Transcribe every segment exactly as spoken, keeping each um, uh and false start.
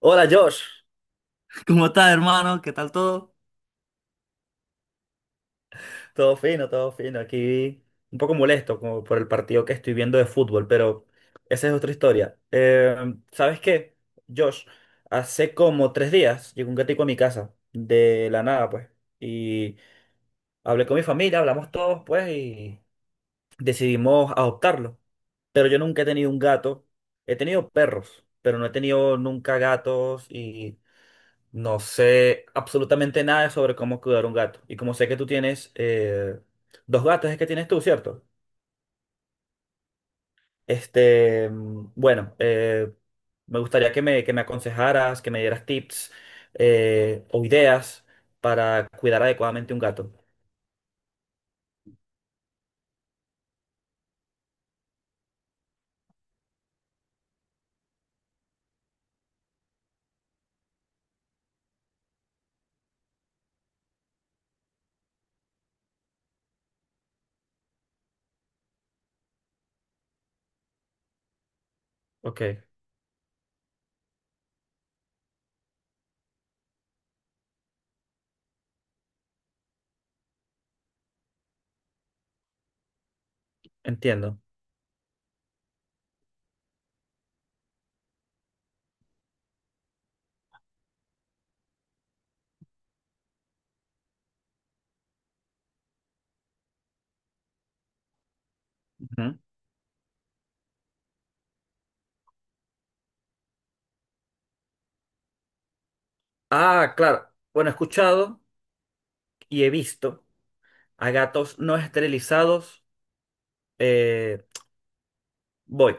Hola, Josh. ¿Cómo estás, hermano? ¿Qué tal todo? Todo fino, todo fino. Aquí un poco molesto como por el partido que estoy viendo de fútbol, pero esa es otra historia. Eh, ¿sabes qué, Josh? Hace como tres días llegó un gatico a mi casa, de la nada, pues. Y hablé con mi familia, hablamos todos, pues, y decidimos adoptarlo. Pero yo nunca he tenido un gato. He tenido perros, pero no he tenido nunca gatos y no sé absolutamente nada sobre cómo cuidar un gato. Y como sé que tú tienes eh, dos gatos, es que tienes tú, ¿cierto? Este, mm, bueno, eh, me gustaría que me, que me aconsejaras, que me dieras tips eh, o ideas para cuidar adecuadamente un gato. Ok, entiendo. Ujú. Ah, claro. Bueno, he escuchado y he visto a gatos no esterilizados. eh, Voy.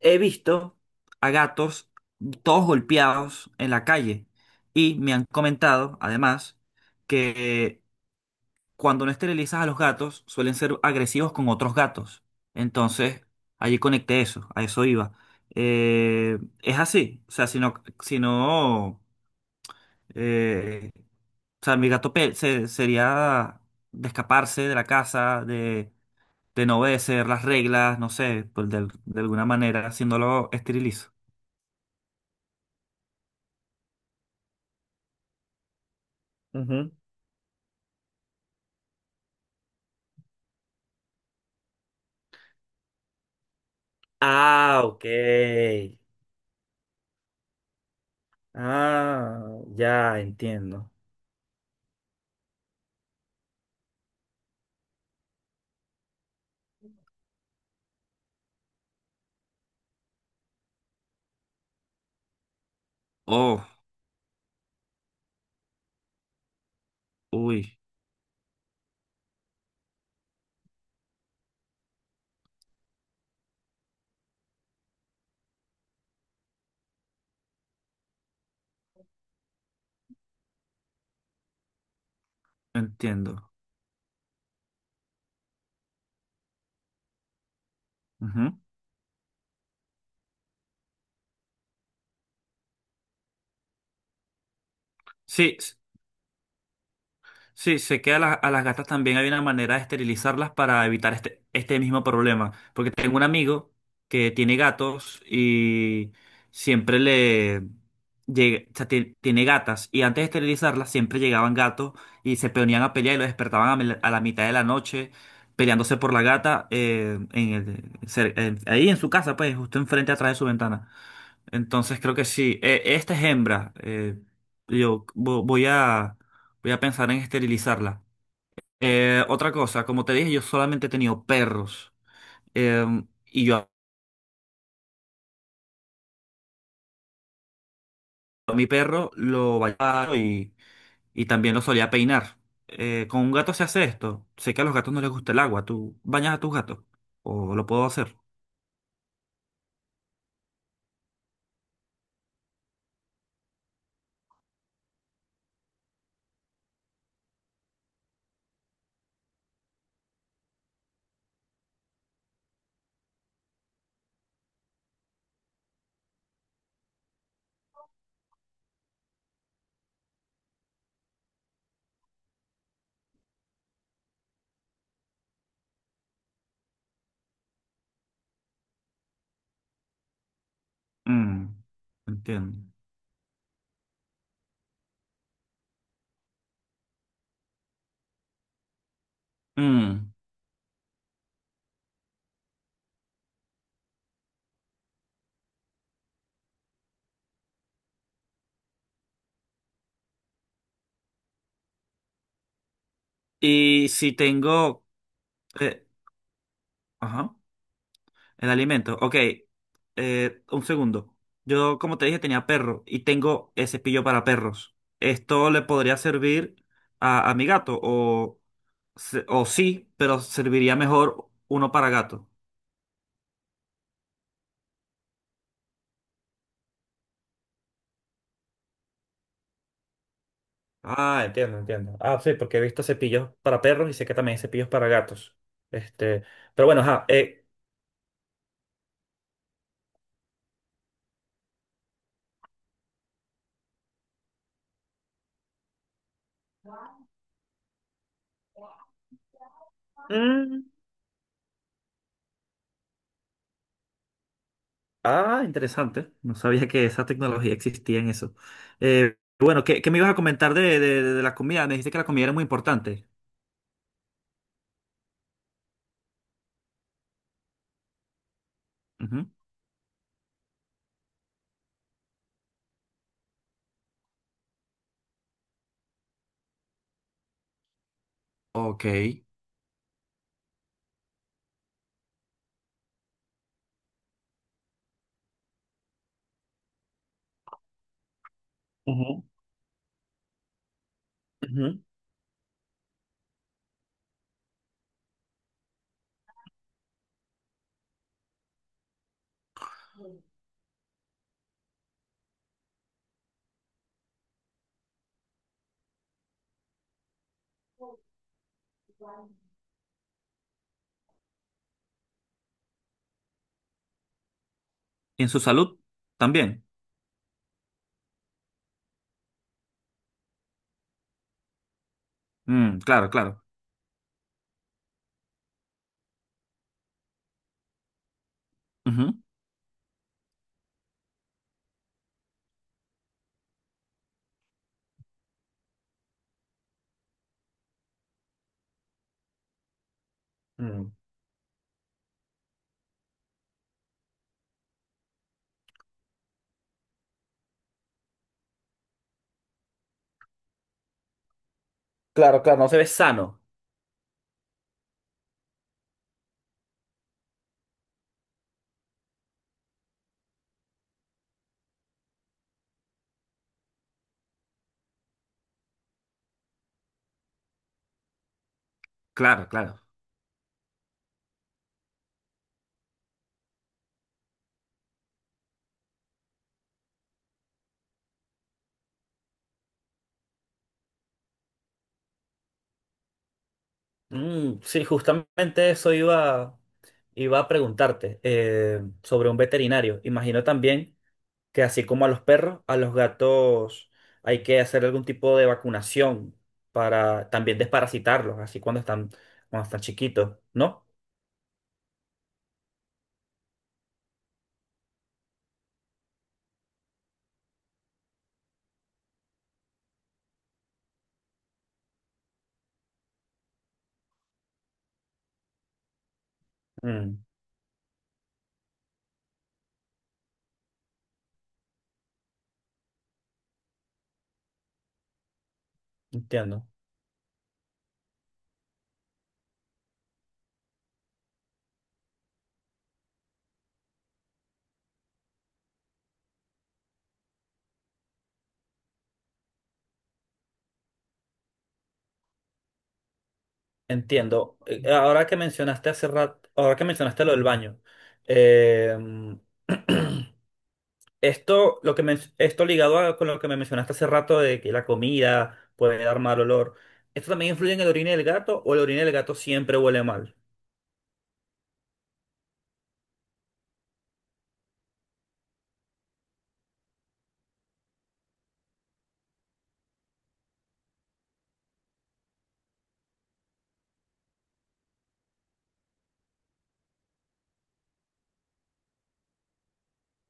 He visto a gatos todos golpeados en la calle y me han comentado, además, que cuando no esterilizas a los gatos suelen ser agresivos con otros gatos. Entonces, allí conecté eso, a eso iba. Eh, es así, o sea, si no, si no, eh, o sea, mi gato pe- se- sería de escaparse de la casa, de de no obedecer las reglas, no sé, pues de, de alguna manera haciéndolo esterilizo. Ujú. Ah, ok. Ah, ya entiendo. Oh, uy, entiendo. Ujú. Sí, sí, sé que a, la- a las gatas también hay una manera de esterilizarlas para evitar este, este mismo problema. Porque tengo un amigo que tiene gatos y siempre le... llega- o sea, tie- tiene gatas y antes de esterilizarlas siempre llegaban gatos y se ponían a pelear y lo despertaban a, mel- a la mitad de la noche peleándose por la gata, eh, en el- cer- en- ahí en su casa, pues justo enfrente atrás de su ventana. Entonces creo que sí. Eh, esta es hembra. Eh, yo vo- voy a, voy a pensar en esterilizarla. Eh, otra cosa, como te dije, yo solamente he tenido perros. Eh, y yo a mi perro lo bañaba y, y también lo solía peinar. Eh, ¿con un gato se hace esto? Sé que a los gatos no les gusta el agua. ¿Tú bañas a tus gatos? ¿O lo puedo hacer? Mm, entiendo. Mm, Y si tengo, eh, ajá. El alimento. Ok. Eh, un segundo. Yo, como te dije, tenía perro y tengo el cepillo para perros. ¿Esto le podría servir a, a mi gato? O, se- o sí, pero serviría mejor uno para gato. Ah, entiendo, entiendo. Ah, sí, porque he visto cepillos para perros y sé que también hay cepillos para gatos. Este, pero bueno, ajá. Eh, mm. Ah, interesante. No sabía que esa tecnología existía en eso. Eh, bueno, ¿qué, qué me ibas a comentar de, de- de la comida? Me dijiste que la comida era muy importante. Ujú. Ok. Ujú, ujú. ¿Y en su salud? También. Mm, claro, claro. Ujú. Mm. Claro, claro, no se ve sano. Claro, claro. Mm, sí, justamente eso iba, iba a preguntarte eh, sobre un veterinario. Imagino también que así como a los perros, a los gatos hay que hacer algún tipo de vacunación para también desparasitarlos, así cuando están, cuando están chiquitos, ¿no? Mm, entiendo. Entiendo. Eh, Ahora que mencionaste hace rato, ahora que mencionaste lo del baño, eh, esto, lo que men- esto ligado a, con lo que me mencionaste hace rato de que la comida puede dar mal olor, ¿esto también influye en el orine del gato o el orine del gato siempre huele mal?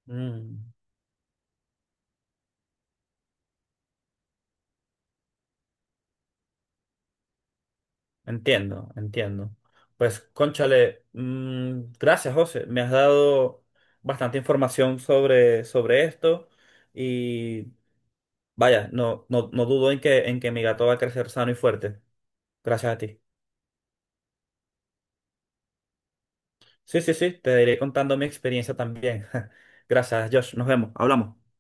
Mm, entiendo, entiendo. Pues, cónchale, mm, gracias, José. Me has dado bastante información sobre, sobre esto, y vaya, no, no, no dudo en que, en que mi gato va a crecer sano y fuerte. Gracias a ti. Sí, sí, sí, te iré contando mi experiencia también. Gracias, Josh. Nos vemos. Hablamos.